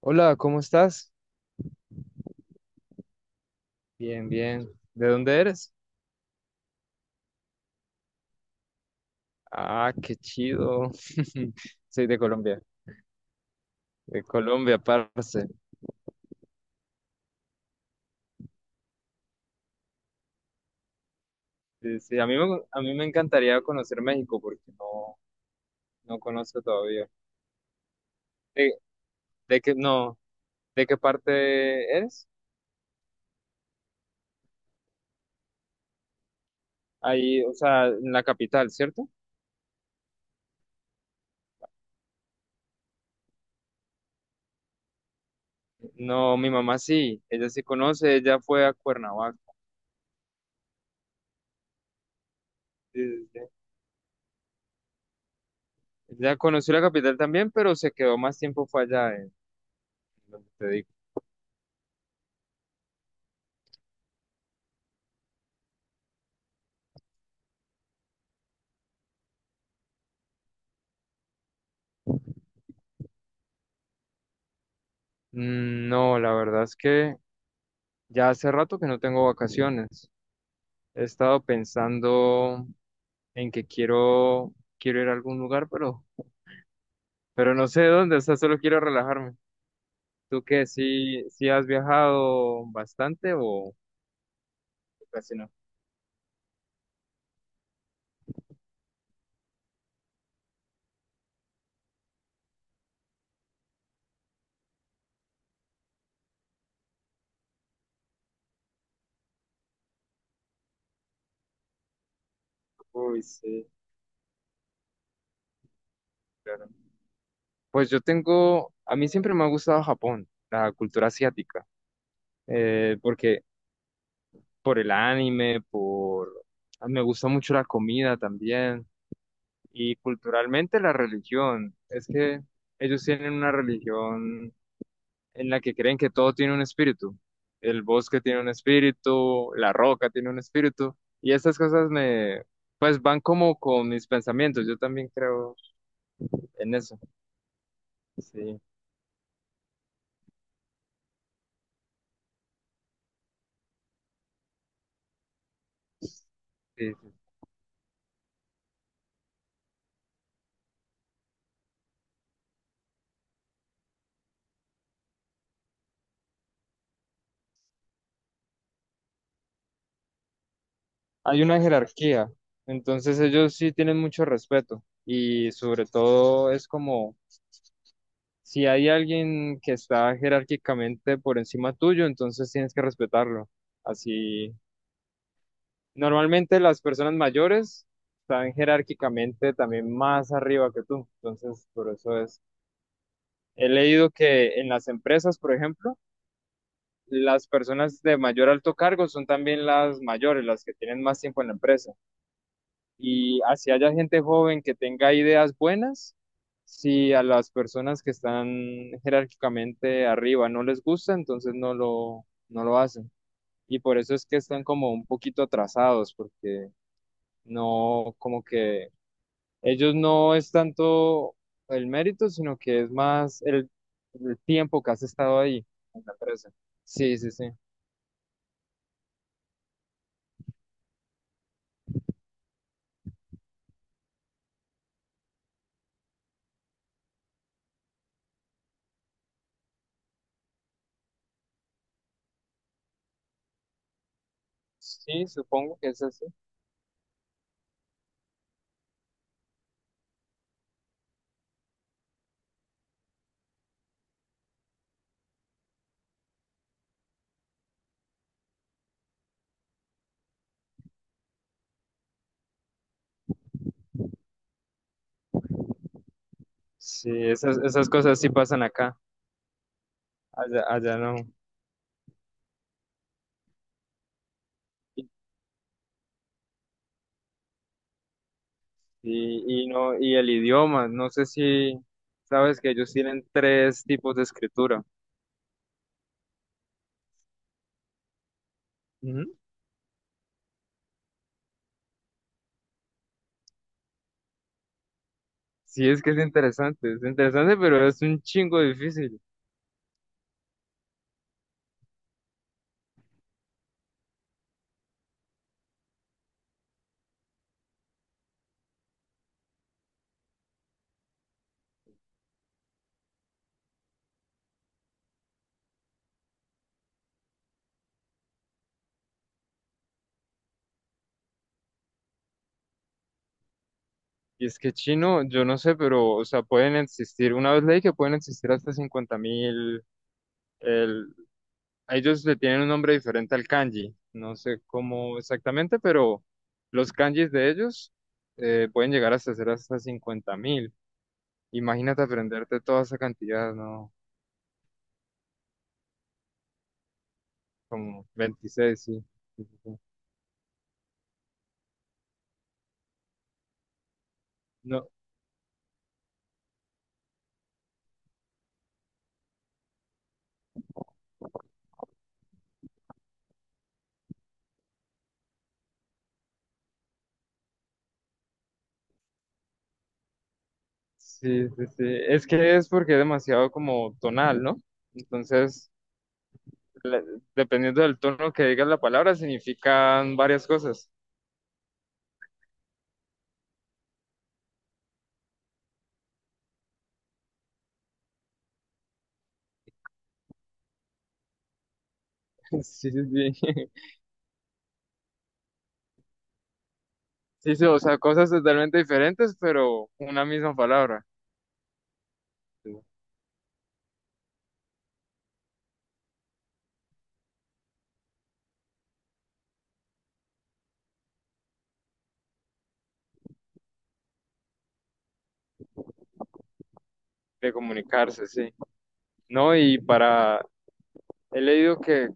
Hola, ¿cómo estás? Bien, bien. ¿De dónde eres? Ah, qué chido. Soy de Colombia, parce. Sí, sí, a mí me, a mí me encantaría conocer México porque no conozco todavía. ¿De, de qué, no, ¿De qué parte eres? Ahí, o sea, en la capital, ¿cierto? No, mi mamá sí, ella sí conoce, ella fue a Cuernavaca. Sí, sí, sí. Ella conoció la capital también, pero se quedó más tiempo fue allá, en donde te digo. No, la verdad es que ya hace rato que no tengo vacaciones. He estado pensando en que quiero, quiero ir a algún lugar, pero no sé dónde, o sea, solo quiero relajarme. ¿Tú qué? ¿Sí, sí has viajado bastante o casi no? Uy, sí, claro. Pues yo tengo, a mí siempre me ha gustado Japón, la cultura asiática, porque por el anime, por, me gusta mucho la comida también. Y culturalmente la religión, es que ellos tienen una religión en la que creen que todo tiene un espíritu. El bosque tiene un espíritu, la roca tiene un espíritu. Y estas cosas me, pues van como con mis pensamientos. Yo también creo en eso. Sí, sí, sí. Hay una jerarquía. Entonces ellos sí tienen mucho respeto. Y sobre todo es como, si hay alguien que está jerárquicamente por encima tuyo, entonces tienes que respetarlo así. Normalmente las personas mayores están jerárquicamente también más arriba que tú, entonces por eso es. He leído que en las empresas, por ejemplo, las personas de mayor alto cargo son también las mayores, las que tienen más tiempo en la empresa. Y así haya gente joven que tenga ideas buenas, si a las personas que están jerárquicamente arriba no les gusta, entonces no lo hacen. Y por eso es que están como un poquito atrasados, porque no como que ellos no es tanto el mérito, sino que es más el tiempo que has estado ahí en la empresa. Sí, sí, sí. Sí, supongo que es así. Sí, esas, esas cosas sí pasan acá, allá, allá no. Y el idioma, no sé si sabes que ellos tienen tres tipos de escritura. Ujú. Sí, es que es interesante, pero es un chingo difícil. Y es que chino, yo no sé, pero, o sea, pueden existir, una vez leí que pueden existir hasta 50.000. El, Ellos le tienen un nombre diferente al kanji, no sé cómo exactamente, pero los kanjis de ellos, pueden llegar hasta ser hasta 50.000. Imagínate aprenderte toda esa cantidad, ¿no? Como 26 sí. Sí, sí, sí. No, sí, sí, sí. Es que es porque es demasiado como tonal, ¿no? Entonces, le- Dependiendo del tono que digas la palabra, significan varias cosas. Sí, sí, sí. Sí, sí, o sea, cosas totalmente diferentes, pero una misma palabra. De comunicarse, sí. No, y para, he leído que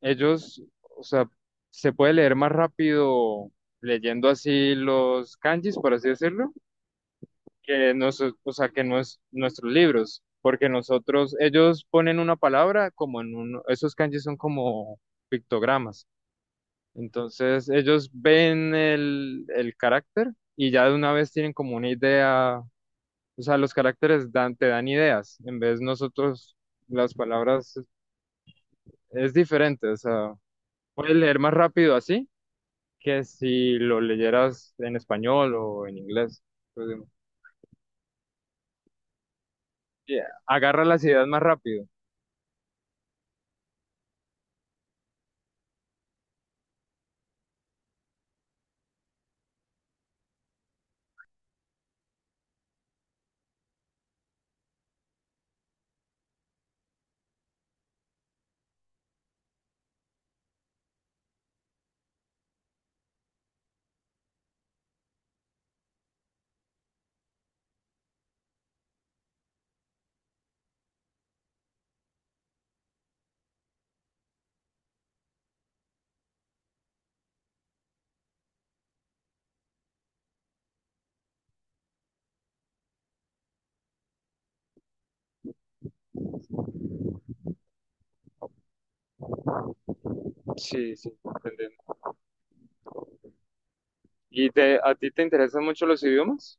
ellos, o sea, se puede leer más rápido leyendo así los kanjis, por así decirlo, que nosotros, o sea, que nuestros libros, porque nosotros, ellos ponen una palabra como en uno, esos kanjis son como pictogramas. Entonces ellos ven el carácter y ya de una vez tienen como una idea. O sea, los caracteres dan, te dan ideas. En vez nosotros, las palabras es diferente. O sea, puedes leer más rápido así que si lo leyeras en español o en inglés. Entonces, yeah, agarra las ideas más rápido. Sí, sí, entendemos. ¿Y te, a ti te interesan mucho los idiomas?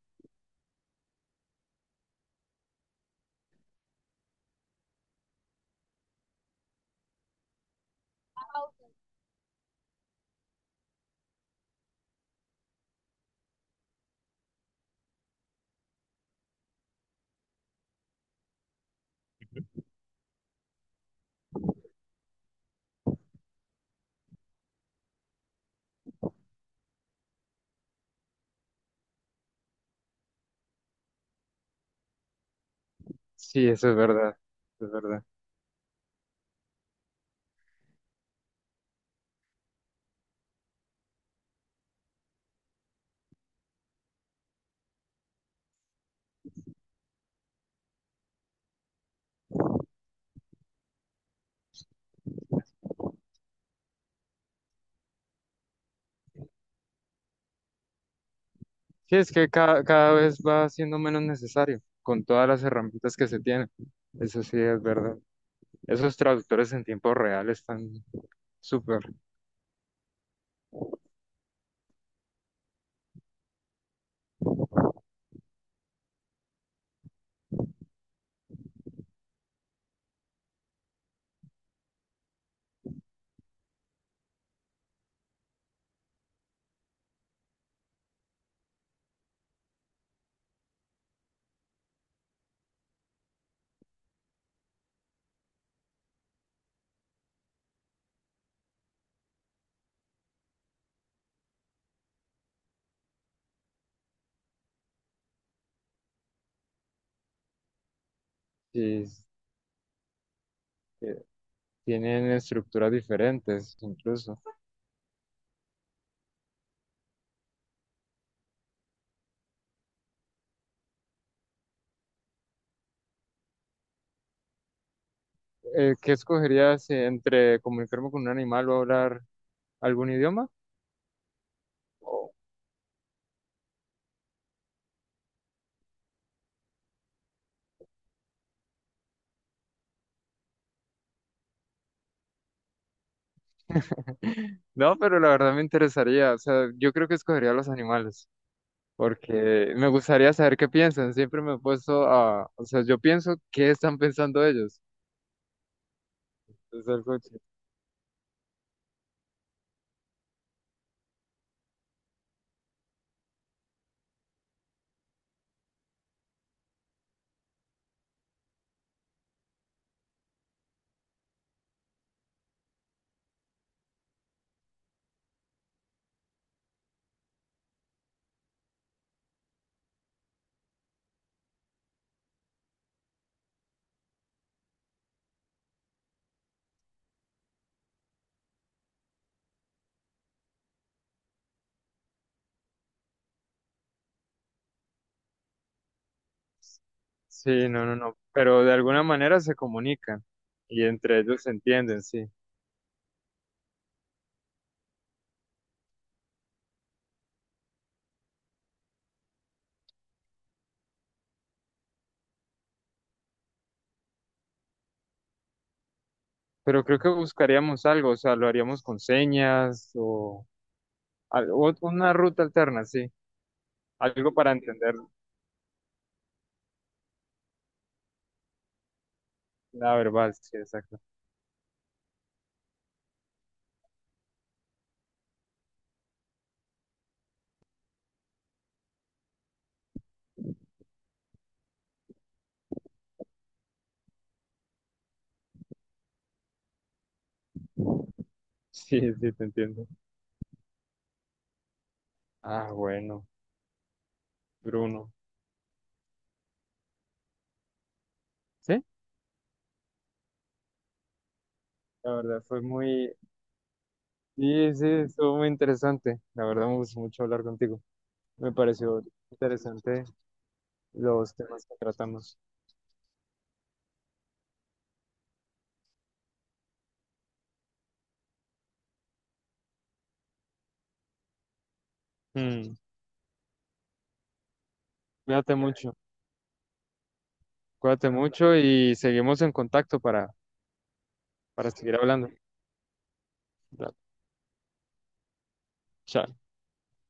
Sí, eso es verdad. Es verdad. Sí, es que cada vez va siendo menos necesario con todas las herramientas que se tienen. Eso sí es verdad. Esos traductores en tiempo real están súper. Sí, eh, tienen estructuras diferentes incluso. ¿Qué escogerías entre comunicarme con un animal o hablar algún idioma? No, pero la verdad me interesaría. O sea, yo creo que escogería los animales, porque me gustaría saber qué piensan. Siempre me he puesto a, o sea, yo pienso qué están pensando ellos. Es algo ch- Sí, no, no, no. Pero de alguna manera se comunican y entre ellos se entienden, sí. Pero creo que buscaríamos algo, o sea, lo haríamos con señas o una ruta alterna, sí. Algo para entender la verbal, sí, exacto. Sí, sí, te entiendo. Ah, bueno, Bruno. Sí, la verdad fue muy... Sí, sí, estuvo muy interesante. La verdad me gustó mucho hablar contigo. Me pareció interesante los temas que tratamos. Mm, Cuídate mucho, cuídate mucho y seguimos en contacto para seguir hablando. Dale, chao.